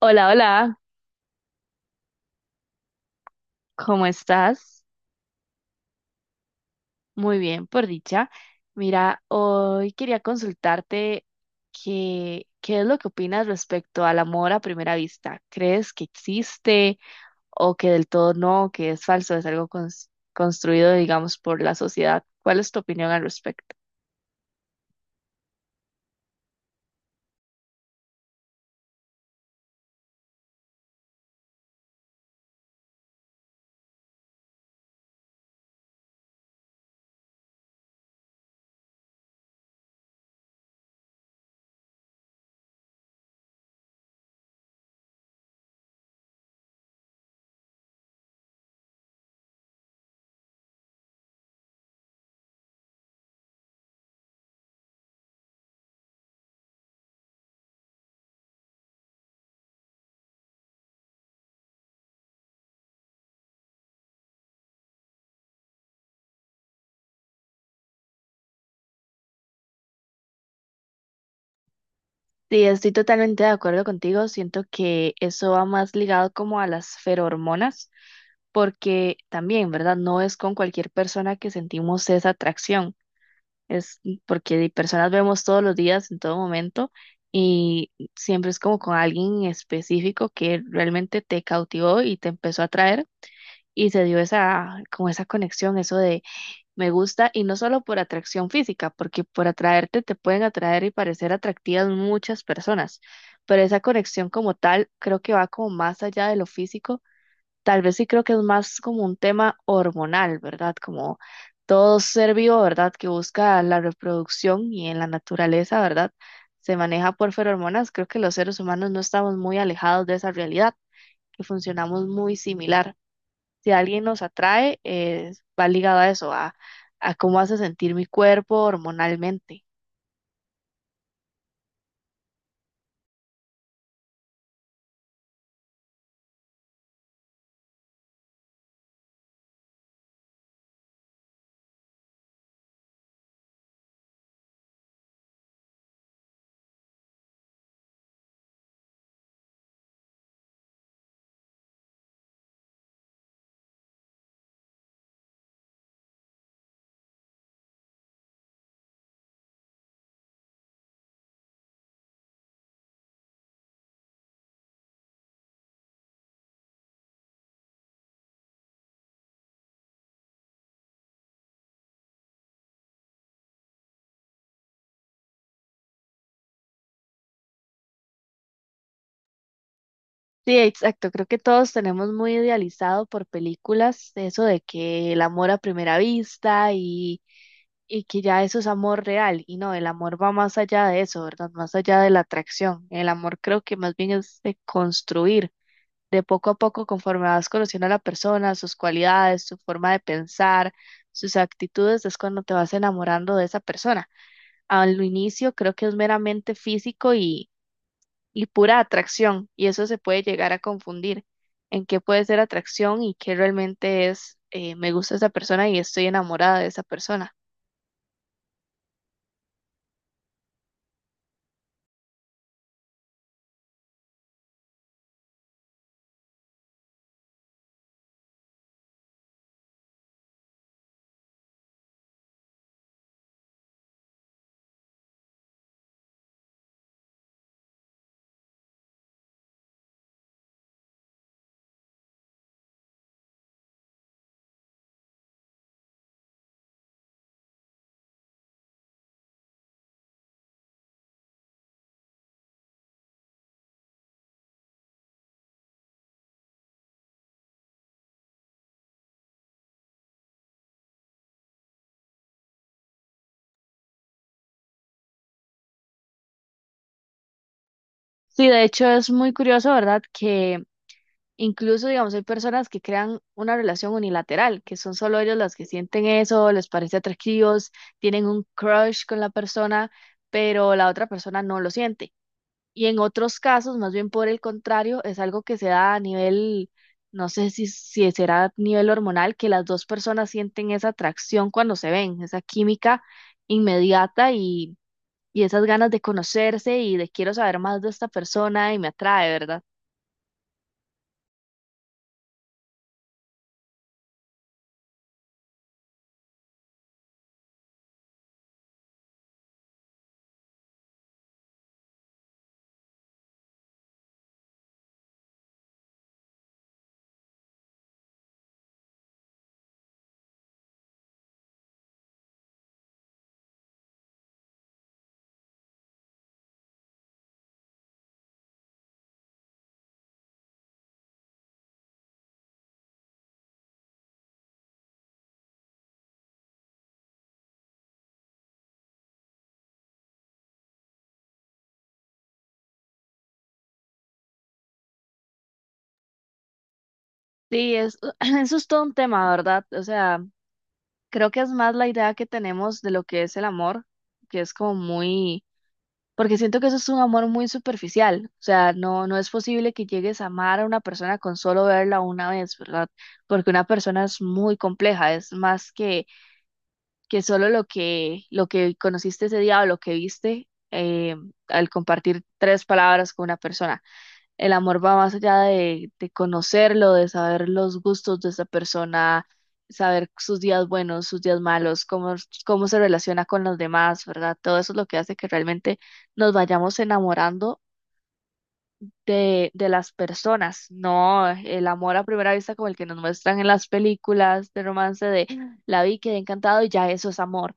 Hola, hola, ¿cómo estás? Muy bien, por dicha. Mira, hoy quería consultarte qué es lo que opinas respecto al amor a primera vista. ¿Crees que existe o que del todo no, que es falso, es algo construido, digamos, por la sociedad? ¿Cuál es tu opinión al respecto? Sí, estoy totalmente de acuerdo contigo. Siento que eso va más ligado como a las feromonas, porque también, ¿verdad? No es con cualquier persona que sentimos esa atracción. Es porque de personas vemos todos los días, en todo momento, y siempre es como con alguien en específico que realmente te cautivó y te empezó a atraer y se dio esa, como esa conexión, eso de me gusta, y no solo por atracción física, porque por atraerte te pueden atraer y parecer atractivas muchas personas, pero esa conexión como tal creo que va como más allá de lo físico. Tal vez sí creo que es más como un tema hormonal, ¿verdad? Como todo ser vivo, ¿verdad? Que busca la reproducción y en la naturaleza, ¿verdad? Se maneja por feromonas. Creo que los seres humanos no estamos muy alejados de esa realidad, que funcionamos muy similar. Si alguien nos atrae, va ligado a eso, a cómo hace sentir mi cuerpo hormonalmente. Sí, exacto. Creo que todos tenemos muy idealizado por películas eso de que el amor a primera vista y que ya eso es amor real, y no, el amor va más allá de eso, ¿verdad? Más allá de la atracción. El amor creo que más bien es de construir, de poco a poco, conforme vas conociendo a la persona, sus cualidades, su forma de pensar, sus actitudes, es cuando te vas enamorando de esa persona. Al inicio creo que es meramente físico y pura atracción, y eso se puede llegar a confundir en qué puede ser atracción y qué realmente es, me gusta esa persona y estoy enamorada de esa persona. Sí, de hecho es muy curioso, ¿verdad? Que incluso, digamos, hay personas que crean una relación unilateral, que son solo ellos las que sienten eso, les parece atractivos, tienen un crush con la persona, pero la otra persona no lo siente. Y en otros casos, más bien por el contrario, es algo que se da a nivel, no sé si será a nivel hormonal, que las dos personas sienten esa atracción cuando se ven, esa química inmediata y esas ganas de conocerse y de quiero saber más de esta persona y me atrae, ¿verdad? Sí, es, eso es todo un tema, ¿verdad? O sea, creo que es más la idea que tenemos de lo que es el amor, que es como muy, porque siento que eso es un amor muy superficial, o sea, no, no es posible que llegues a amar a una persona con solo verla una vez, ¿verdad? Porque una persona es muy compleja, es más que solo lo que conociste ese día o lo que viste eh, al compartir tres palabras con una persona. El amor va más allá de conocerlo, de saber los gustos de esa persona, saber sus días buenos, sus días malos, cómo, cómo se relaciona con los demás, ¿verdad? Todo eso es lo que hace que realmente nos vayamos enamorando de las personas, no el amor a primera vista como el que nos muestran en las películas de romance de la vi, quedé encantado y ya eso es amor.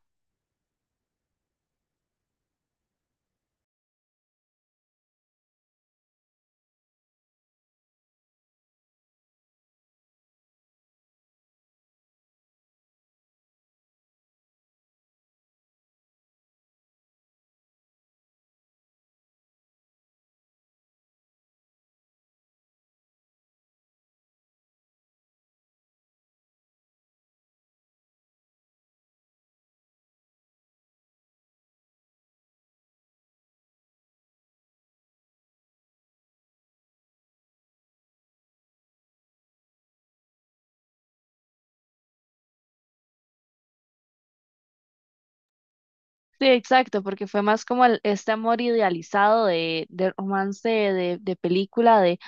Sí, exacto, porque fue más como este amor idealizado de romance, de película, de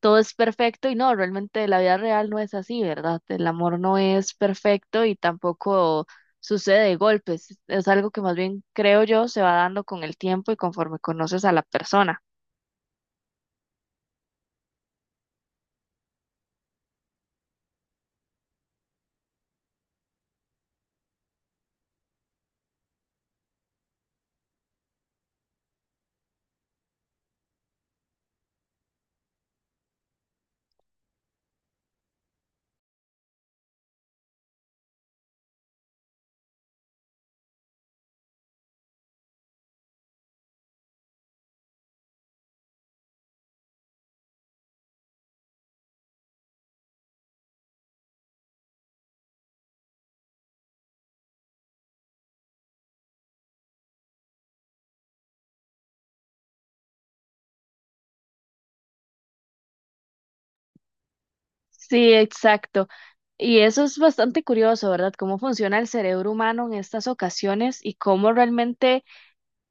todo es perfecto y no, realmente la vida real no es así, ¿verdad? El amor no es perfecto y tampoco sucede de golpes. Es algo que más bien, creo yo, se va dando con el tiempo y conforme conoces a la persona. Sí, exacto. Y eso es bastante curioso, ¿verdad? Cómo funciona el cerebro humano en estas ocasiones y cómo realmente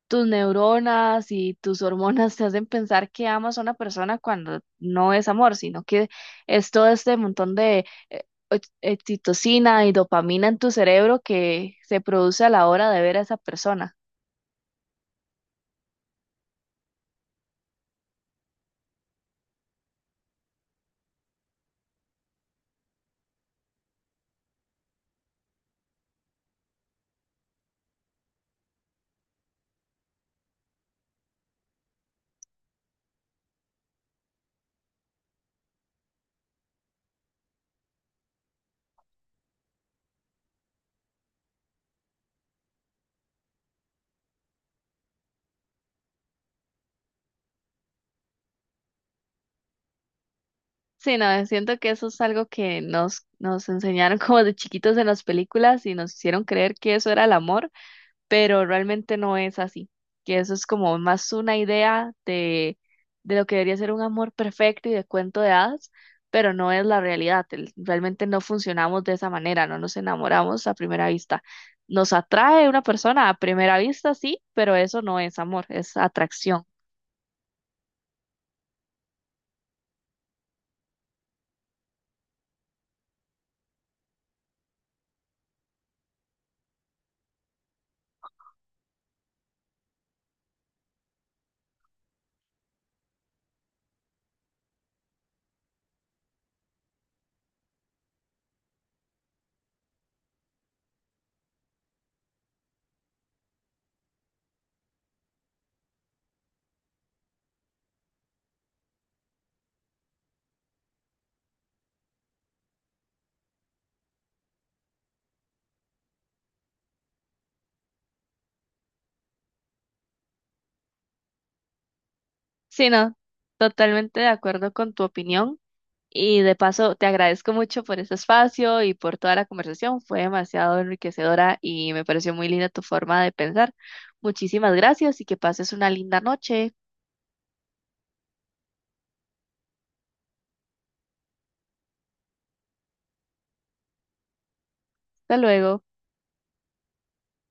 tus neuronas y tus hormonas te hacen pensar que amas a una persona cuando no es amor, sino que es todo este montón de eh, oxitocina y dopamina en tu cerebro que se produce a la hora de ver a esa persona. Sí, no, siento que eso es algo que nos enseñaron como de chiquitos en las películas y nos hicieron creer que eso era el amor, pero realmente no es así, que eso es como más una idea de lo que debería ser un amor perfecto y de cuento de hadas, pero no es la realidad, realmente no funcionamos de esa manera, no nos enamoramos a primera vista. Nos atrae una persona a primera vista, sí, pero eso no es amor, es atracción. Sí, no, totalmente de acuerdo con tu opinión. Y de paso, te agradezco mucho por este espacio y por toda la conversación. Fue demasiado enriquecedora y me pareció muy linda tu forma de pensar. Muchísimas gracias y que pases una linda noche. Hasta luego.